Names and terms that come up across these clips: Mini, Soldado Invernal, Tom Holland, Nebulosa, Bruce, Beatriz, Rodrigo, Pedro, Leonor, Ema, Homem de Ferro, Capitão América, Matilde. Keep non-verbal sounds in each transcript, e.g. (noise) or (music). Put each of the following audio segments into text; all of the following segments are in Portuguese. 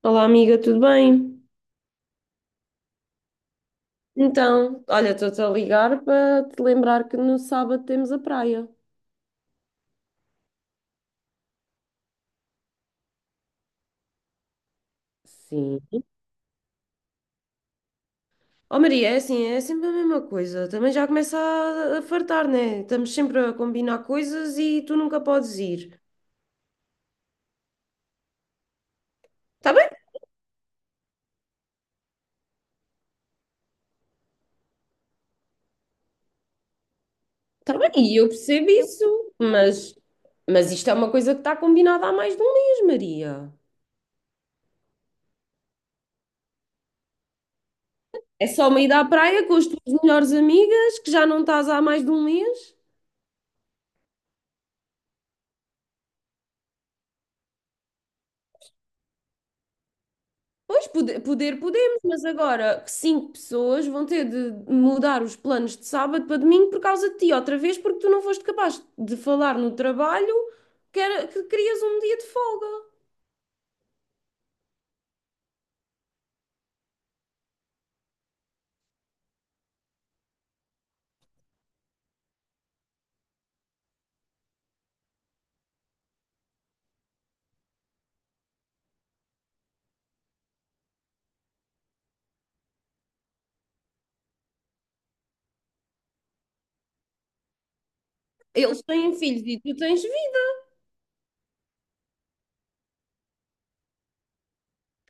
Olá, amiga, tudo bem? Então, olha, estou-te a ligar para te lembrar que no sábado temos a praia. Sim. Oh, Maria, é assim, é sempre a mesma coisa. Também já começa a fartar, né? Estamos sempre a combinar coisas e tu nunca podes ir. Tá bem, tá bem, e eu percebo isso, mas isto é uma coisa que está combinada há mais de um mês, Maria. É só uma ida à praia com as tuas melhores amigas, que já não estás há mais de um mês? Pois, poder podemos, mas agora cinco pessoas vão ter de mudar os planos de sábado para domingo por causa de ti, outra vez, porque tu não foste capaz de falar no trabalho que querias um dia de folga. Eles têm filhos e tu tens vida.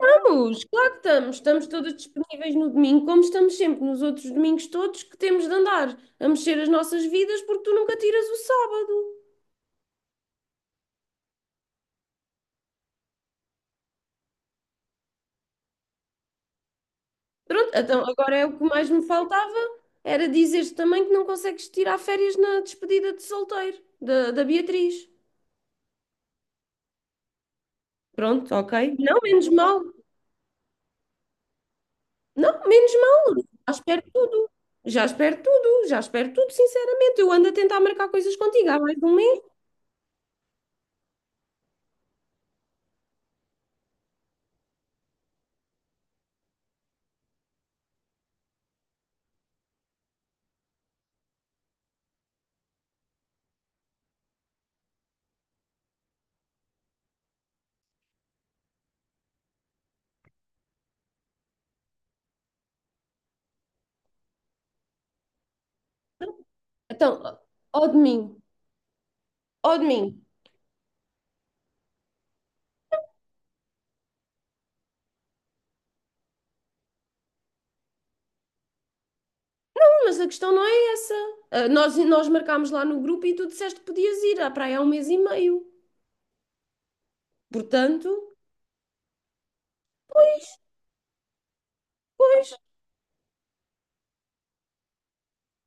Estamos claro que estamos. Estamos todas disponíveis no domingo, como estamos sempre nos outros domingos todos que temos de andar a mexer as nossas vidas porque tu nunca tiras o sábado. Pronto, então agora é o que mais me faltava, era dizeres também que não consegues tirar férias na despedida de solteiro da Beatriz. Pronto, ok. Não, menos mal. Não, menos mal. Já espero tudo. Já espero tudo. Já espero tudo, sinceramente. Eu ando a tentar marcar coisas contigo há mais de um mês. Então, ó de mim, ó de mim. Não, mas a questão não é essa. Ah, nós marcámos lá no grupo e tu disseste que podias ir à praia há um mês e meio. Portanto, pois.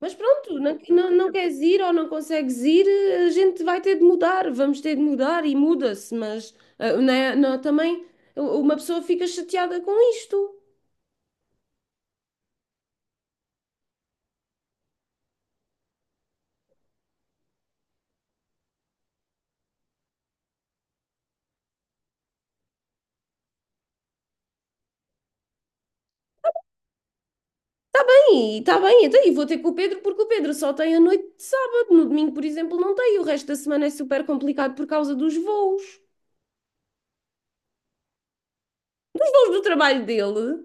Mas pronto, não queres ir ou não consegues ir, a gente vai ter de mudar, vamos ter de mudar e muda-se, mas não, também uma pessoa fica chateada com isto. E está bem, então e vou ter com o Pedro porque o Pedro só tem a noite de sábado, no domingo, por exemplo, não tem, e o resto da semana é super complicado por causa dos voos. Os voos do trabalho dele,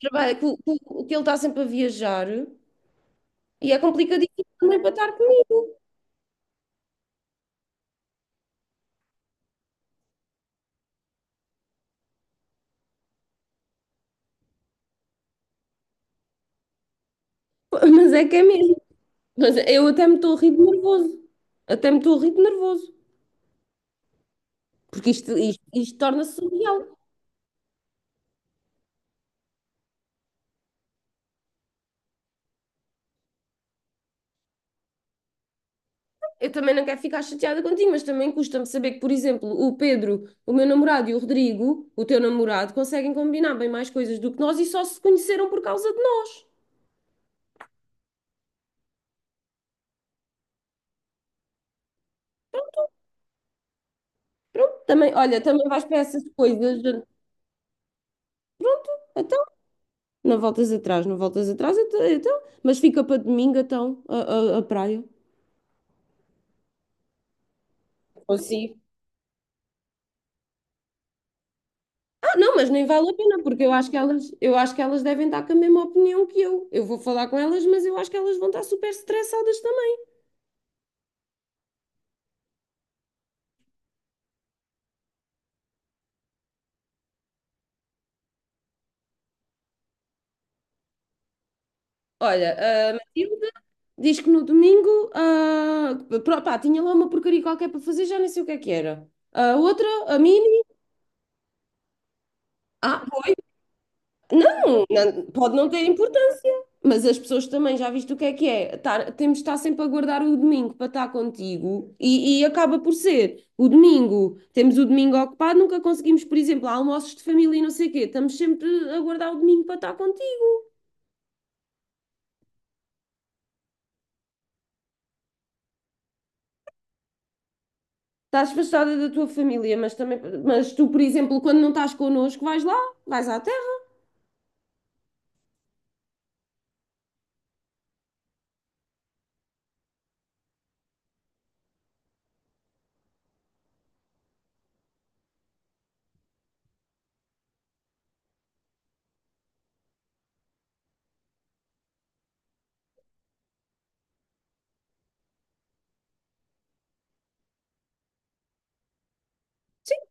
que ele está sempre a viajar, e é complicadíssimo também para estar comigo, (laughs) mas é que é mesmo. Mas eu até me estou a rir de nervoso. Até me estou a rir de nervoso. Porque isto torna-se surreal. Eu também não quero ficar chateada contigo, mas também custa-me saber que, por exemplo, o Pedro, o meu namorado e o Rodrigo, o teu namorado, conseguem combinar bem mais coisas do que nós e só se conheceram por causa de nós. Também, olha, também vais para essas coisas. Então, não voltas atrás, não voltas atrás, então, mas fica para domingo, então, a praia. Consigo. Não, mas nem vale a pena, porque eu acho que elas devem estar com a mesma opinião que eu. Eu vou falar com elas, mas eu acho que elas vão estar super estressadas também. Olha, a Matilde diz que no domingo, pá, tinha lá uma porcaria qualquer para fazer, já nem sei o que é que era. A outra, a Mini, ah, foi, não, não- pode não ter importância. Mas as pessoas também, já viste o que é que é? Temos de estar sempre a guardar o domingo para estar contigo e acaba por ser o domingo. Temos o domingo ocupado, nunca conseguimos, por exemplo, almoços de família e não sei o quê. Estamos sempre a guardar o domingo para estar contigo. Estás afastada da tua família, mas também, mas tu, por exemplo, quando não estás connosco, vais lá, vais à terra,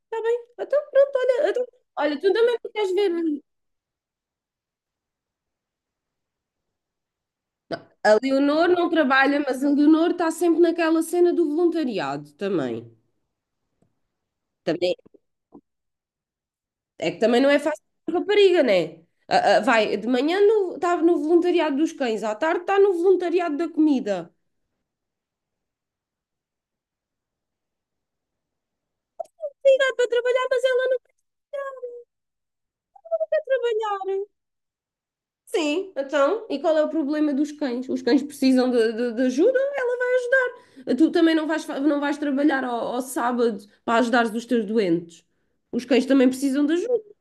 está bem? Então, pronto, olha, olha, tu também queres ver. A Leonor não trabalha, mas a Leonor está sempre naquela cena do voluntariado também. Também É que também não é fácil para rapariga, né? Vai, de manhã estava no voluntariado dos cães, à tarde está no voluntariado da comida. Sim, dá para trabalhar, mas ela não trabalhar. Sim, então, e qual é o problema dos cães? Os cães precisam de ajuda, ela vai ajudar. Tu também não vais, não vais trabalhar ao sábado para ajudar os teus doentes. Os cães também precisam de ajuda.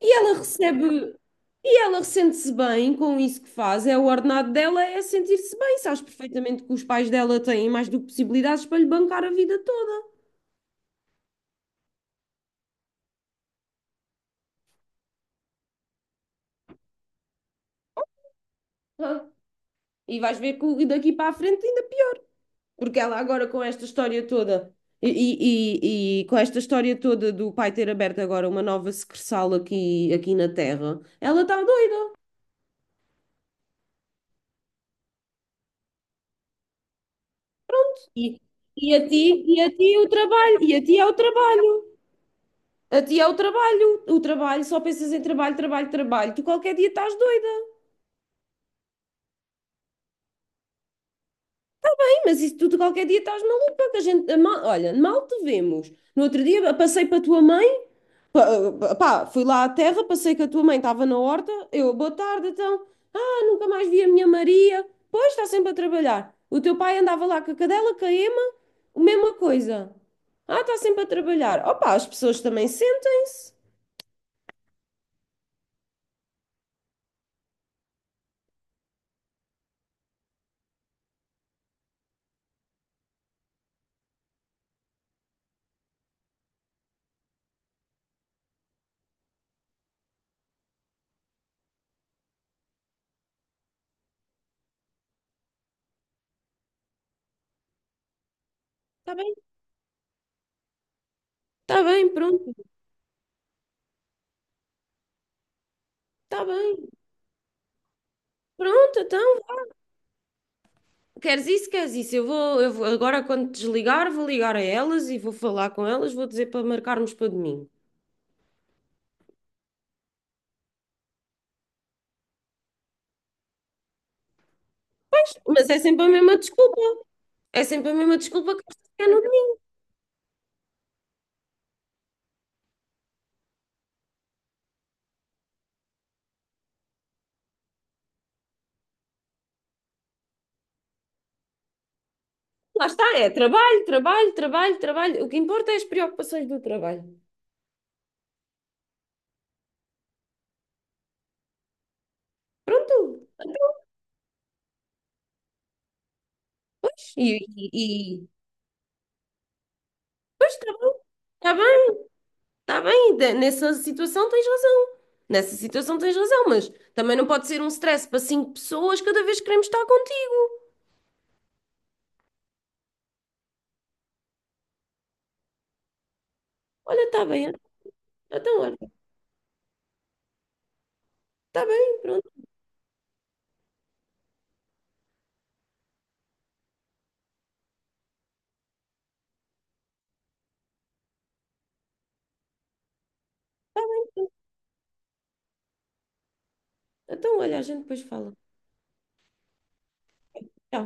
E ela recebe, e ela sente-se bem com isso que faz, é o ordenado dela, é sentir-se bem. Sabes perfeitamente que os pais dela têm mais do que possibilidades para lhe bancar a vida toda. Ah, e vais ver que daqui para a frente ainda pior, porque ela agora com esta história toda. E com esta história toda do pai ter aberto agora uma nova secretaria aqui, na Terra, ela está doida. E, e a ti, e a ti o trabalho, e a ti é o trabalho. A ti é o trabalho, só pensas em trabalho, trabalho, trabalho. Tu qualquer dia estás doida. Sim, mas isso tu qualquer dia estás maluca, que a gente, olha, mal te vemos. No outro dia passei para a tua mãe, pá, fui lá à terra, passei com a tua mãe, estava na horta, eu, boa tarde, então. Ah, nunca mais vi a minha Maria. Pois, está sempre a trabalhar. O teu pai andava lá com a cadela, com a Ema, a mesma coisa. Ah, está sempre a trabalhar. Opa, as pessoas também sentem-se. Está bem, está bem, pronto. Está bem. Pronto, então. Queres isso, queres isso? Agora quando desligar, vou ligar a elas e vou falar com elas, vou dizer para marcarmos para domingo. Mas é sempre a mesma desculpa. É sempre a mesma desculpa que é no domingo. Lá está, é trabalho, trabalho, trabalho, trabalho. O que importa é as preocupações do trabalho. Pronto. E, e, e- pois está bem, está bem, está bem. Nessa situação tens razão. Nessa situação tens razão, mas também não pode ser um stress para cinco pessoas cada vez que queremos estar contigo. Olha, está bem, então olha, está bem, pronto. Então, olha, a gente depois fala. Tchau.